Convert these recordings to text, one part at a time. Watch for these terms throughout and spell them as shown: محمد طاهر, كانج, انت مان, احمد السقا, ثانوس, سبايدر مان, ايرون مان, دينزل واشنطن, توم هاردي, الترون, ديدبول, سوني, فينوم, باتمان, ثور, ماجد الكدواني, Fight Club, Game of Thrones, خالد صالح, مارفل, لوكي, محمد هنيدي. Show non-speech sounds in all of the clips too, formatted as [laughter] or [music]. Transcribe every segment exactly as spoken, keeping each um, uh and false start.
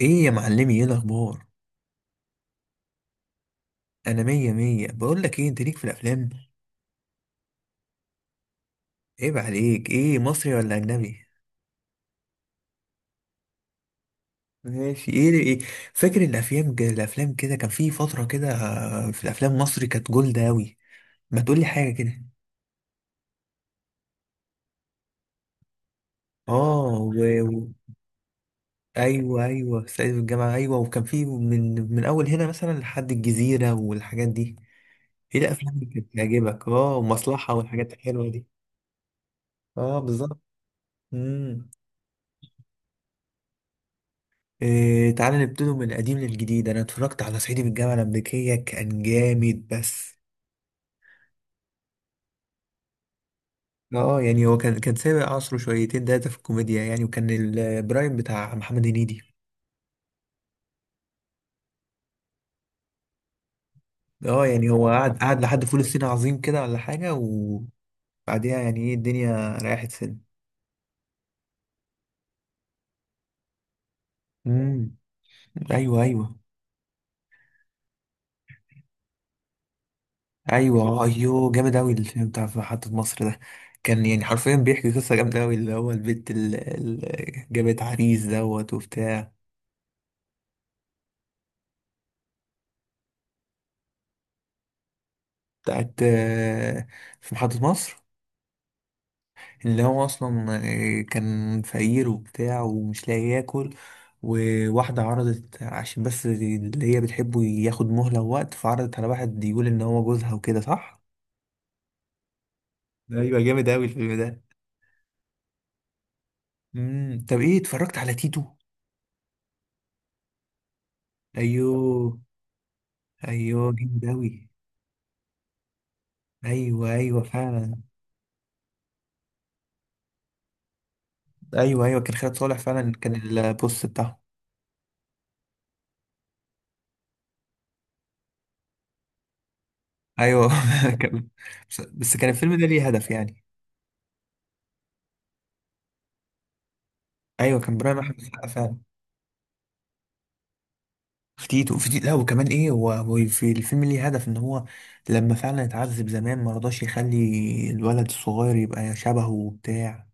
ايه يا معلمي، ايه الاخبار؟ انا مية مية. بقول لك ايه، انت ليك في الافلام؟ عيب عليك، ايه مصري ولا اجنبي؟ ماشي، ايه ايه؟ فاكر الافلام الافلام كده، كان في فترة كده، آه، في الافلام مصري كانت جولد اوي. ما تقولي حاجة كده. اه. و... و... ايوه، ايوه، سعيد في الجامعة. ايوه، وكان في، من من اول هنا مثلا لحد الجزيرة والحاجات دي. ايه الافلام اللي كانت بتعجبك؟ اه، ومصلحة والحاجات الحلوة دي. اه، بالظبط. امم. إيه، تعالى نبتدي من القديم للجديد. انا اتفرجت على صعيدي من الجامعه الامريكيه، كان جامد بس. اه، يعني هو كان كان سابق عصره شويتين تلاته في الكوميديا يعني، وكان البرايم بتاع محمد هنيدي. اه، يعني هو قعد قعد لحد فول الصين عظيم كده ولا حاجه، وبعديها يعني ايه، الدنيا ريحت سنه. امم. ايوه، ايوه. ايوه، آه، ايوه جامد اوي الفيلم بتاع في محطه مصر ده. كان يعني حرفيا بيحكي قصه جامده اوي، اللي هو البنت اللي اللي جابت عريس دوت وبتاع. بتاعت آه، في محطة مصر. اللي هو أصلا، آه، كان فقير وبتاع ومش لاقي ياكل. وواحدة عرضت عشان بس اللي هي بتحبه ياخد مهلة ووقت، فعرضت على واحد يقول إن هو جوزها وكده، صح؟ أيوة، جامد أوي الفيلم ده. مم. طب إيه، اتفرجت على تيتو؟ أيوه، أيوه، جامد أوي. أيوه، أيوه، فعلا. أيوه، أيوه، كان خالد صالح فعلا، كان البوست بتاعه. أيوه. [laughs] كان- بس بس كان الفيلم ده ليه هدف يعني. ايوه، كان برايم احمد السقا فعلا. في تيتو، في تيتو، لا، وكمان ايه، هو هو في الفيلم ليه هدف، ان هو لما فعلا اتعذب زمان ما رضاش يخلي الولد الصغير يبقى شبهه وبتاع.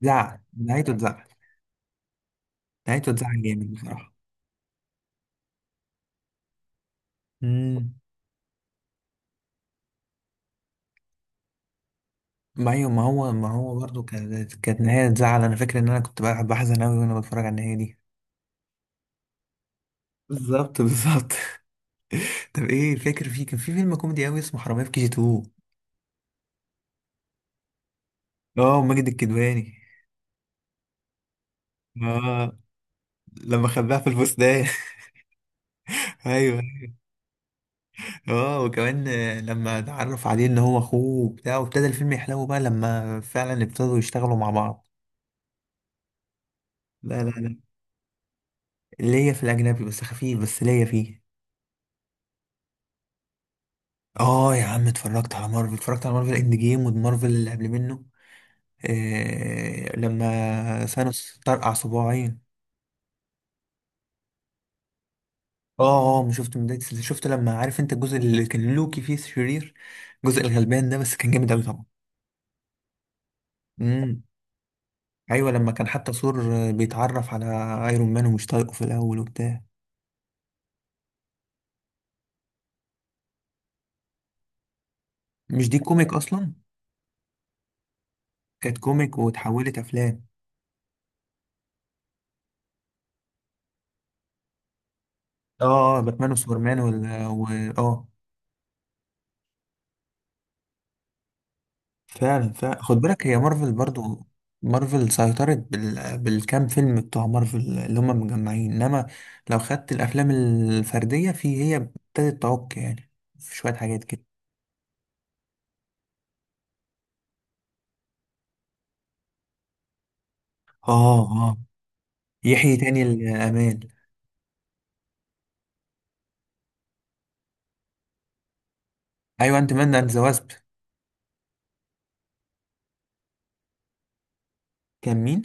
زعل نهايته اتزعل. نهايته اتزعل جامد بصراحه. امم. ما ايوه، ما هو ما هو برضه كانت كانت نهايه تزعل، انا فاكر ان انا كنت بقى بحزن قوي وانا بتفرج على النهايه دي. بالظبط، بالظبط. [laughs] طب ايه، فاكر؟ في كان في فيلم كوميدي قوي اسمه حرامية في كي جي اتنين. اه، ماجد الكدواني. اه، لما خباها في الفستان. [laughs] ايوه. اه، وكمان، آه، لما اتعرف عليه ان هو اخوه وبتاع، وابتدى الفيلم يحلو بقى لما فعلا ابتدوا يشتغلوا مع بعض. لا، لا، لا. ليا في الاجنبي، بس خفيف، بس ليا فيه. اه يا عم، اتفرجت على مارفل، اتفرجت على مارفل اند جيم ومارفل اللي قبل منه. آه لما ثانوس طرقع صباعين. اه، اه، ما شفت من بداية السلسلة. شفت لما، عارف انت، الجزء اللي كان لوكي فيه شرير، الجزء الغلبان ده، بس كان جامد قوي طبعا. [laughs] امم. ايوه، لما كان حتى ثور آه، بيتعرف على ايرون مان ومش طايقه في الاول وبتاع. مش دي كوميك اصلا؟ كانت كوميك واتحولت افلام. اه، آه، باتمان وسوبرمان وال و... اه. فعلا، فعلا، خد بالك، هي مارفل برضو. مارفل سيطرت بال... بالكام فيلم بتوع مارفل اللي هم مجمعين، انما لو خدت الافلام الفرديه، في هي ابتدت تعك يعني، في شويه حاجات كده. اه، اه، يحيي تاني الامال. ايوه، انت مان اند ذا واسب. كان مين؟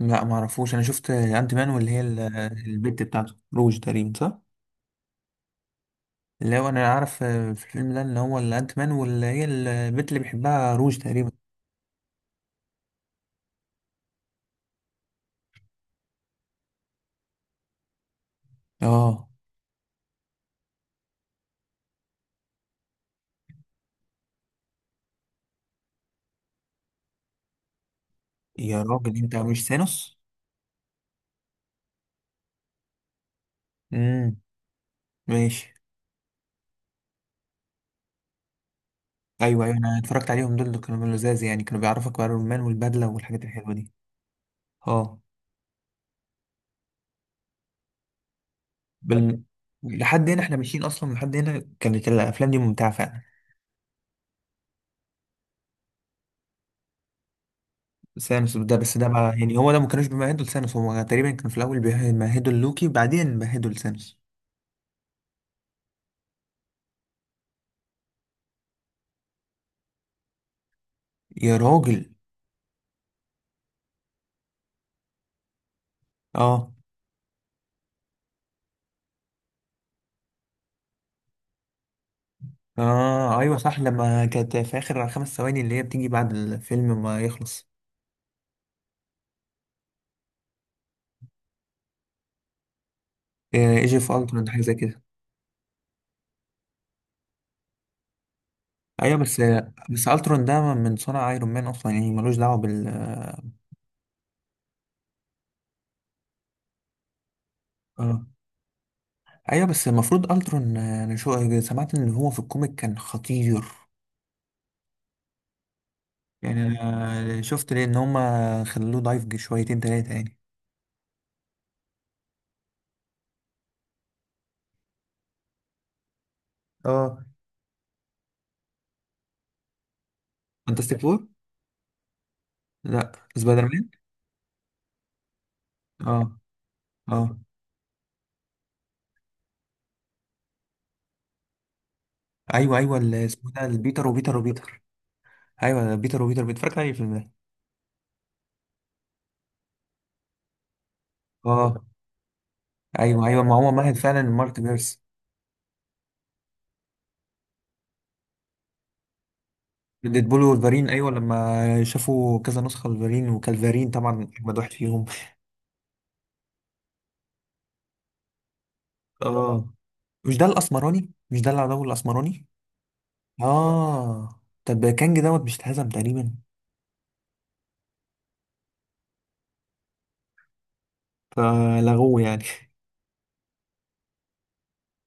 لا، ما اعرفوش، انا شفت انت مان واللي هي ال- البت بتاعته روج تقريبا، صح؟ لو انا عارف، آه، في الفيلم ده اللي هو الانت مان، واللي هي البنت اللي بيحبها روج تقريبا. اه يا راجل، انت مش ثانوس؟ امم، ماشي. ايوه، ايوه، انا اتفرجت عليهم دول، اللي كانوا لزاز يعني، كانوا بيعرفك ايرون مان والبدله والحاجات الحلوه دي. اه، بال... لحد هنا احنا ماشيين، اصلا لحد هنا كانت الافلام دي ممتعه فعلا. ثانوس ده، بس ده بقى يعني هو ده، ما كانوش بيمهدوا لثانوس، هو تقريبا كان في الاول بيمهدوا لوكي، بعدين بيمهدوا لثانوس. يا راجل. اه، اه، ايوه صح، لما كانت في اخر خمس ثواني اللي هي بتيجي بعد الفيلم ما يخلص. ايجي في الترون، حاجه زي كده. ايوه، بس بس الترون ده من صنع ايرون مان اصلا، يعني ملوش دعوه بال. اه، ايوه، بس المفروض الترون، آه، انا شو، آه، سمعت ان هو في الكوميك كان خطير. يعني انا شفت ليه ان هما خلوه ضعيف شويتين تلاتة يعني. اه، فانتاستيك فور. لا، سبايدر مان. اه، اه، ايوه، ايوه، اللي اسمه ده البيتر وبيتر وبيتر. ايوه، بيتر وبيتر بيتر، اتفرجت عليه الفيلم ده. اه، ايوه، ايوه، ما هو مهد فعلا المالتي فيرس. ديدبول وولفرين، ايوه، لما شافوا كذا نسخه لولفرين، وكالفارين طبعا اجمد واحد فيهم. اه، مش ده الاسمراني؟ مش ده العدو الاسمراني؟ اه، طب كانج دوت، مش اتهزم تقريبا؟ فلغوه يعني؟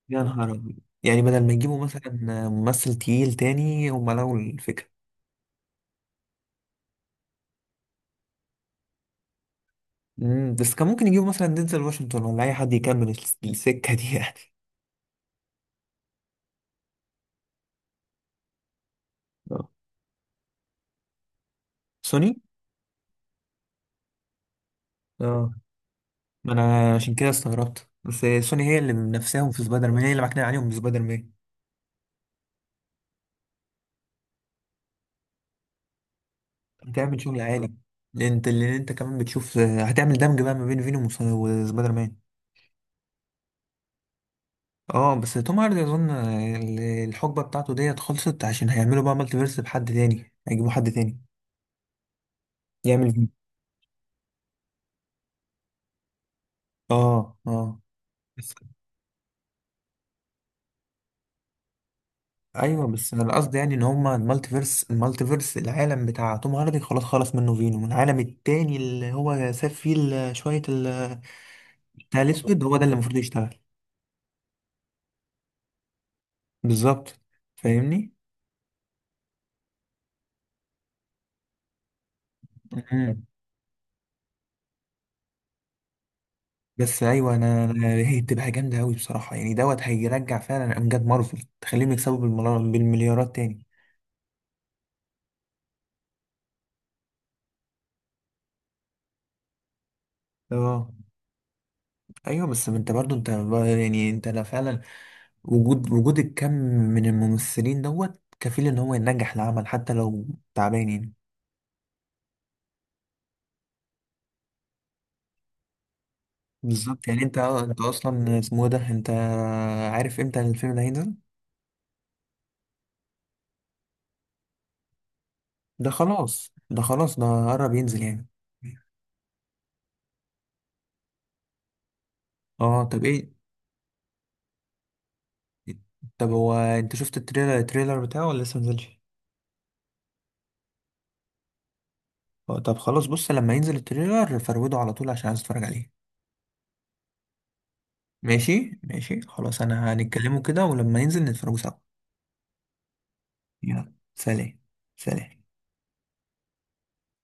يا نهار أبيض! يعني بدل ما يجيبوا مثلا ممثل تقيل تاني، هم لغوا الفكره. امم، بس كان ممكن يجيبوا مثلا دينزل واشنطن ولا اي حد يكمل الس- السكه دي يعني. آه. سوني. اه، ما انا عشان كده استغربت بس. سوني هي اللي بنفسهم في سبايدر مان، هي اللي معكنا عليهم في سبايدر مان. هتعمل شغل عالي. لأن انت اللي انت كمان بتشوف، هتعمل دمج بقى ما بين فينوم وس- وسبايدر مان. اه، بس توم هاردي اظن ال- الحقبه بتاعته ديت خلصت، عشان هيعملوا بقى مالتي فيرس بحد تاني، هيجيبوا حد تاني يعمل فيه. اه، اه. بس ايوه، بس انا قصدي يعني ان هما المالتي فيرس المالتي فيرس العالم بتاع توم هاردي خلاص خلص منه، فينوم العالم التاني اللي هو ساب فيه ال- شويه. بتاع الاسود هو ده اللي المفروض يشتغل. بالظبط، فاهمني. مم. بس ايوه، انا أنا- هي بتبقى جامده قوي بصراحه، يعني دوت هيرجع فعلا امجاد مارفل، تخليهم يكسبوا بالملا- بالمليارات تاني. اه، ايوه، بس انت برضو انت بقى- يعني انت، لا، فعلا وجود وجود الكم من الممثلين دوت كفيل ان هو ينجح العمل حتى لو تعبان يعني. بالظبط، يعني انت انت اصلا اسمه إيه ده، انت عارف امتى الفيلم ده هينزل؟ ده خلاص، ده خلاص، ده قرب ينزل يعني. اه، طب ايه؟ طب هو، انت شفت التريلر التريلر بتاعه ولا لسه منزلش؟ اه، طب خلاص، بص لما ينزل التريلر فروده على طول عشان عايز اتفرج عليه. ماشي، ماشي، خلاص، انا هنتكلمه كده، ولما ينزل نتفرجوا سوا. يلا سلام. سلام.